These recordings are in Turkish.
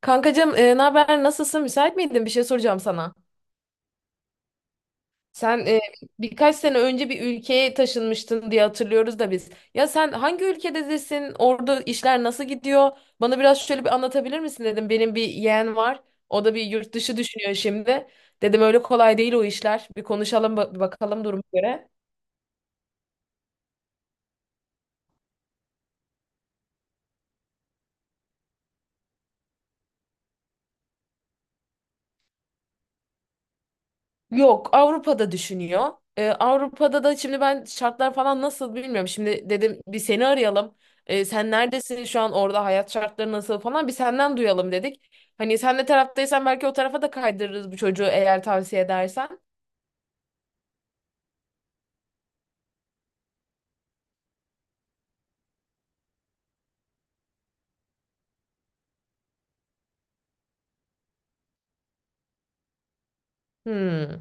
Kankacığım, ne haber? Nasılsın? Müsait miydin? Bir şey soracağım sana. Sen birkaç sene önce bir ülkeye taşınmıştın diye hatırlıyoruz da biz. Ya sen hangi ülkedesin? Orada işler nasıl gidiyor? Bana biraz şöyle bir anlatabilir misin dedim. Benim bir yeğen var. O da bir yurt dışı düşünüyor şimdi. Dedim öyle kolay değil o işler. Bir konuşalım bakalım duruma göre. Yok, Avrupa'da düşünüyor. Avrupa'da da şimdi ben şartlar falan nasıl bilmiyorum. Şimdi dedim bir seni arayalım. Sen neredesin şu an, orada hayat şartları nasıl falan bir senden duyalım dedik. Hani sen de taraftaysan belki o tarafa da kaydırırız bu çocuğu eğer tavsiye edersen. Hmm.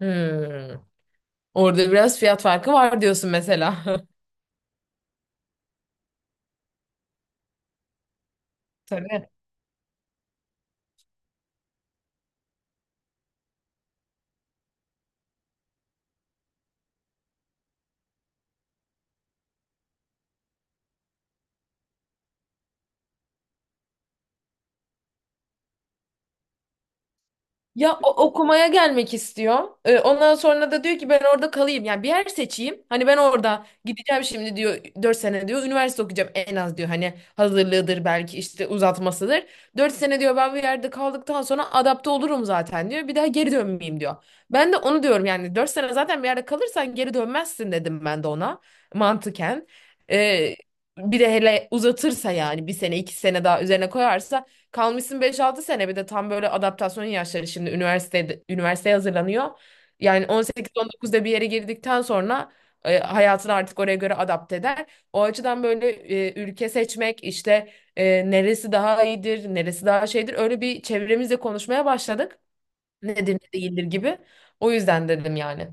Hmm. Orada biraz fiyat farkı var diyorsun mesela. Tabii. Ya okumaya gelmek istiyor. Ondan sonra da diyor ki ben orada kalayım. Yani bir yer seçeyim. Hani ben orada gideceğim şimdi diyor. 4 sene diyor. Üniversite okuyacağım en az diyor. Hani hazırlığıdır belki işte uzatmasıdır. 4 sene diyor, ben bir yerde kaldıktan sonra adapte olurum zaten diyor. Bir daha geri dönmeyeyim diyor. Ben de onu diyorum yani, 4 sene zaten bir yerde kalırsan geri dönmezsin dedim ben de ona, mantıken. Ee, bir de hele uzatırsa, yani bir sene iki sene daha üzerine koyarsa kalmışsın beş altı sene, bir de tam böyle adaptasyon yaşları, şimdi üniversitede üniversiteye hazırlanıyor. Yani 18-19'da bir yere girdikten sonra hayatını artık oraya göre adapte eder. O açıdan böyle ülke seçmek, işte neresi daha iyidir, neresi daha şeydir, öyle bir çevremizle konuşmaya başladık. Nedir ne değildir gibi. O yüzden dedim yani.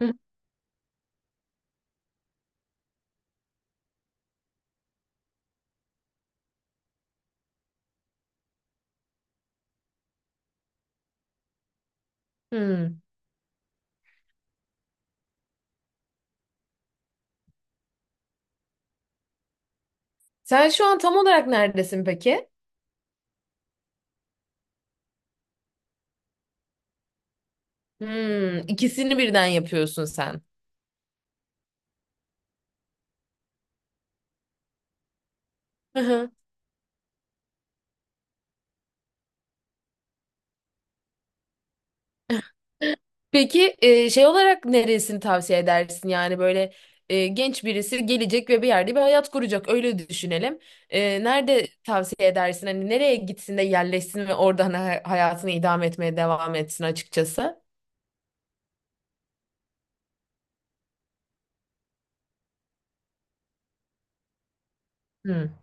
Hı. Hmm. Sen şu an tam olarak neredesin peki? Hmm, ikisini birden yapıyorsun sen. Peki şey olarak neresini tavsiye edersin? Yani böyle genç birisi gelecek ve bir yerde bir hayat kuracak. Öyle düşünelim. Nerede tavsiye edersin? Hani nereye gitsin de yerleşsin ve oradan hayatını idame etmeye devam etsin açıkçası? Hmm.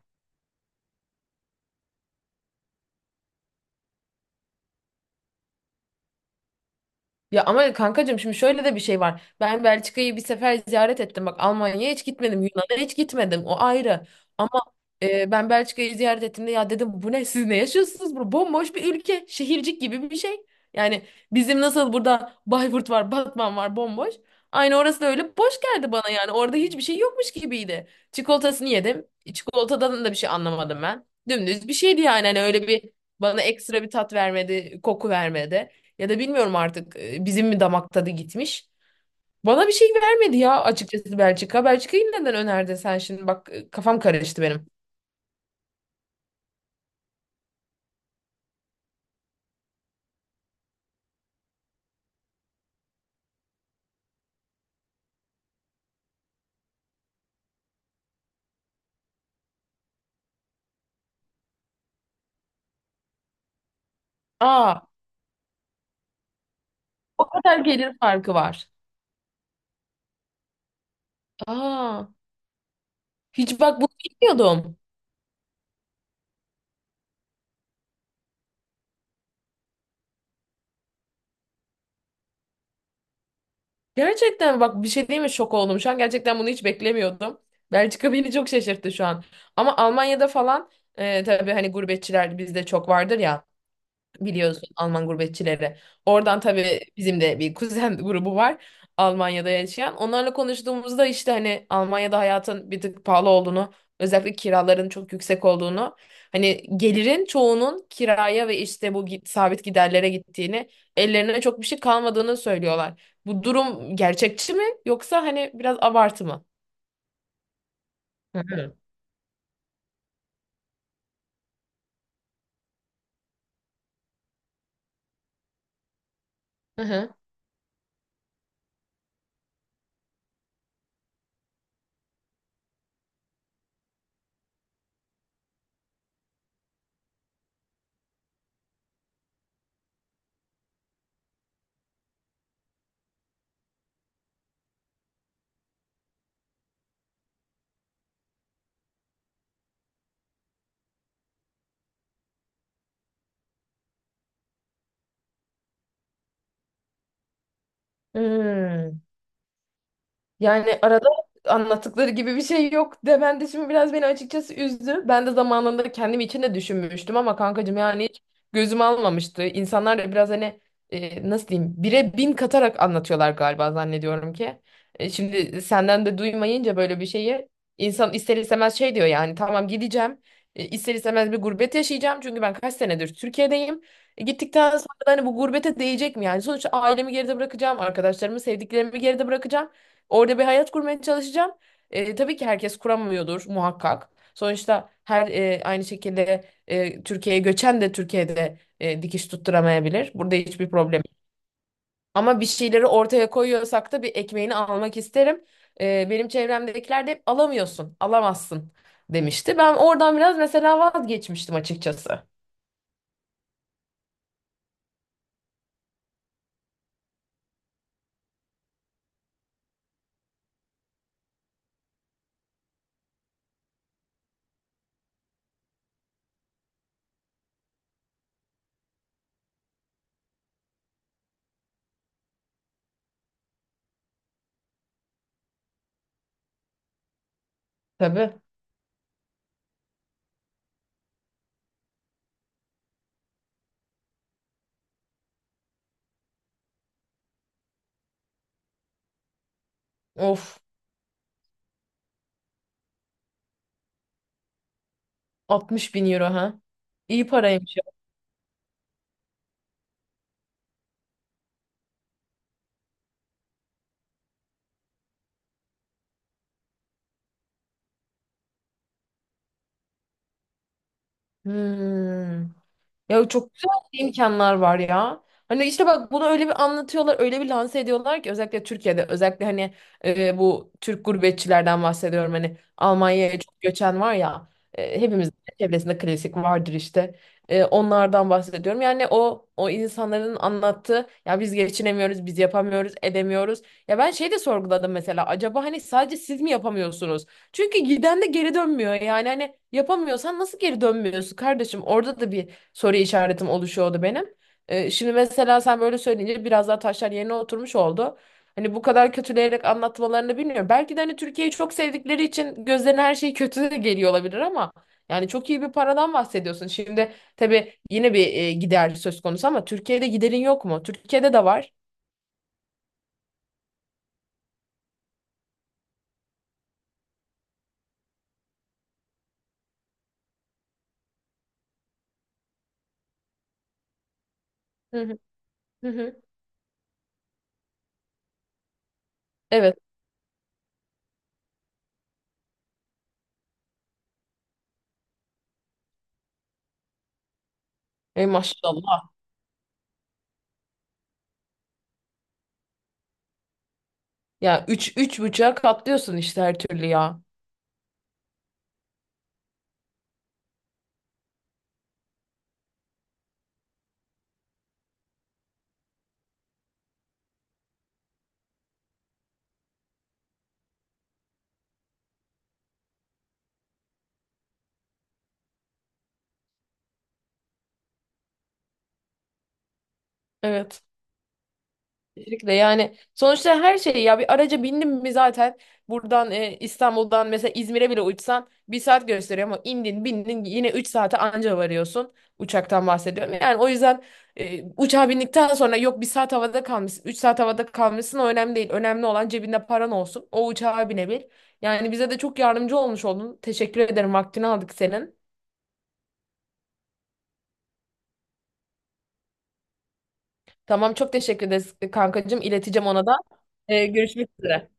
Ya ama kankacığım, şimdi şöyle de bir şey var. Ben Belçika'yı bir sefer ziyaret ettim. Bak, Almanya'ya hiç gitmedim. Yunan'a hiç gitmedim. O ayrı. Ama ben Belçika'yı ziyaret ettiğimde ya dedim, bu ne, siz ne yaşıyorsunuz? Bu bomboş bir ülke. Şehircik gibi bir şey. Yani bizim nasıl burada Bayburt var, Batman var, bomboş. Aynı orası da öyle boş geldi bana yani. Orada hiçbir şey yokmuş gibiydi. Çikolatasını yedim. Çikolatadan da bir şey anlamadım ben. Dümdüz bir şeydi yani. Hani öyle bir, bana ekstra bir tat vermedi, koku vermedi. Ya da bilmiyorum artık, bizim mi damak tadı gitmiş. Bana bir şey vermedi ya açıkçası Belçika. Belçika'yı neden önerdin sen şimdi? Bak, kafam karıştı benim. Aa, o kadar gelir farkı var. Aa, hiç bak, bunu bilmiyordum. Gerçekten bak, bir şey değil mi, şok oldum. Şu an gerçekten bunu hiç beklemiyordum. Belçika beni çok şaşırttı şu an. Ama Almanya'da falan tabii hani gurbetçiler bizde çok vardır ya, biliyorsun Alman gurbetçileri. Oradan tabii bizim de bir kuzen grubu var Almanya'da yaşayan. Onlarla konuştuğumuzda işte hani Almanya'da hayatın bir tık pahalı olduğunu, özellikle kiraların çok yüksek olduğunu, hani gelirin çoğunun kiraya ve işte bu sabit giderlere gittiğini, ellerine çok bir şey kalmadığını söylüyorlar. Bu durum gerçekçi mi, yoksa hani biraz abartı mı? Hı hı. Hı hı. Hmm. Yani arada anlattıkları gibi bir şey yok demen de şimdi biraz beni açıkçası üzdü. Ben de zamanında kendim için de düşünmüştüm ama kankacığım, yani hiç gözüm almamıştı. İnsanlar da biraz hani, nasıl diyeyim, bire bin katarak anlatıyorlar galiba, zannediyorum ki. Şimdi senden de duymayınca böyle bir şeyi, insan ister istemez şey diyor, yani tamam gideceğim. İster istemez bir gurbet yaşayacağım çünkü ben kaç senedir Türkiye'deyim. E, gittikten sonra da hani bu gurbete değecek mi yani? Sonuçta ailemi geride bırakacağım, arkadaşlarımı, sevdiklerimi geride bırakacağım. Orada bir hayat kurmaya çalışacağım. Tabii ki herkes kuramıyordur muhakkak. Sonuçta her aynı şekilde Türkiye'ye göçen de Türkiye'de dikiş tutturamayabilir. Burada hiçbir problem. Ama bir şeyleri ortaya koyuyorsak da bir ekmeğini almak isterim. E, benim çevremdekiler de hep alamıyorsun, alamazsın demişti. Ben oradan biraz mesela vazgeçmiştim açıkçası. Tabii. Of, 60 bin euro ha. İyi paraymış ya. Hmm. Ya çok güzel imkanlar var ya. Hani işte bak, bunu öyle bir anlatıyorlar, öyle bir lanse ediyorlar ki, özellikle Türkiye'de, özellikle hani, bu Türk gurbetçilerden bahsediyorum. Hani Almanya'ya çok göçen var ya, hepimizin çevresinde klasik vardır işte. Onlardan bahsediyorum. Yani o insanların anlattığı, ya biz geçinemiyoruz, biz yapamıyoruz, edemiyoruz. Ya ben şey de sorguladım mesela, acaba hani sadece siz mi yapamıyorsunuz? Çünkü giden de geri dönmüyor. Yani hani yapamıyorsan nasıl geri dönmüyorsun kardeşim? Orada da bir soru işaretim oluşuyordu benim. Şimdi mesela sen böyle söyleyince biraz daha taşlar yerine oturmuş oldu. Hani bu kadar kötüleyerek anlatmalarını bilmiyorum. Belki de hani Türkiye'yi çok sevdikleri için gözlerine her şey kötü de geliyor olabilir ama yani çok iyi bir paradan bahsediyorsun. Şimdi tabii yine bir gider söz konusu ama Türkiye'de giderin yok mu? Türkiye'de de var. Hı hı. Hı hı. Evet. E, maşallah. Ya üç, üç buçuğa katlıyorsun işte her türlü ya. Evet. Kesinlikle, yani sonuçta her şey, ya bir araca bindim mi zaten buradan İstanbul'dan mesela İzmir'e bile uçsan bir saat gösteriyor ama indin bindin yine 3 saate anca varıyorsun, uçaktan bahsediyorum. Yani o yüzden uçağa bindikten sonra yok, bir saat havada kalmışsın, 3 saat havada kalmışsın o önemli değil, önemli olan cebinde paran olsun, o uçağa binebil. Yani bize de çok yardımcı olmuş oldun, teşekkür ederim, vaktini aldık senin. Tamam, çok teşekkür ederiz kankacığım, ileteceğim ona da. E, görüşmek üzere.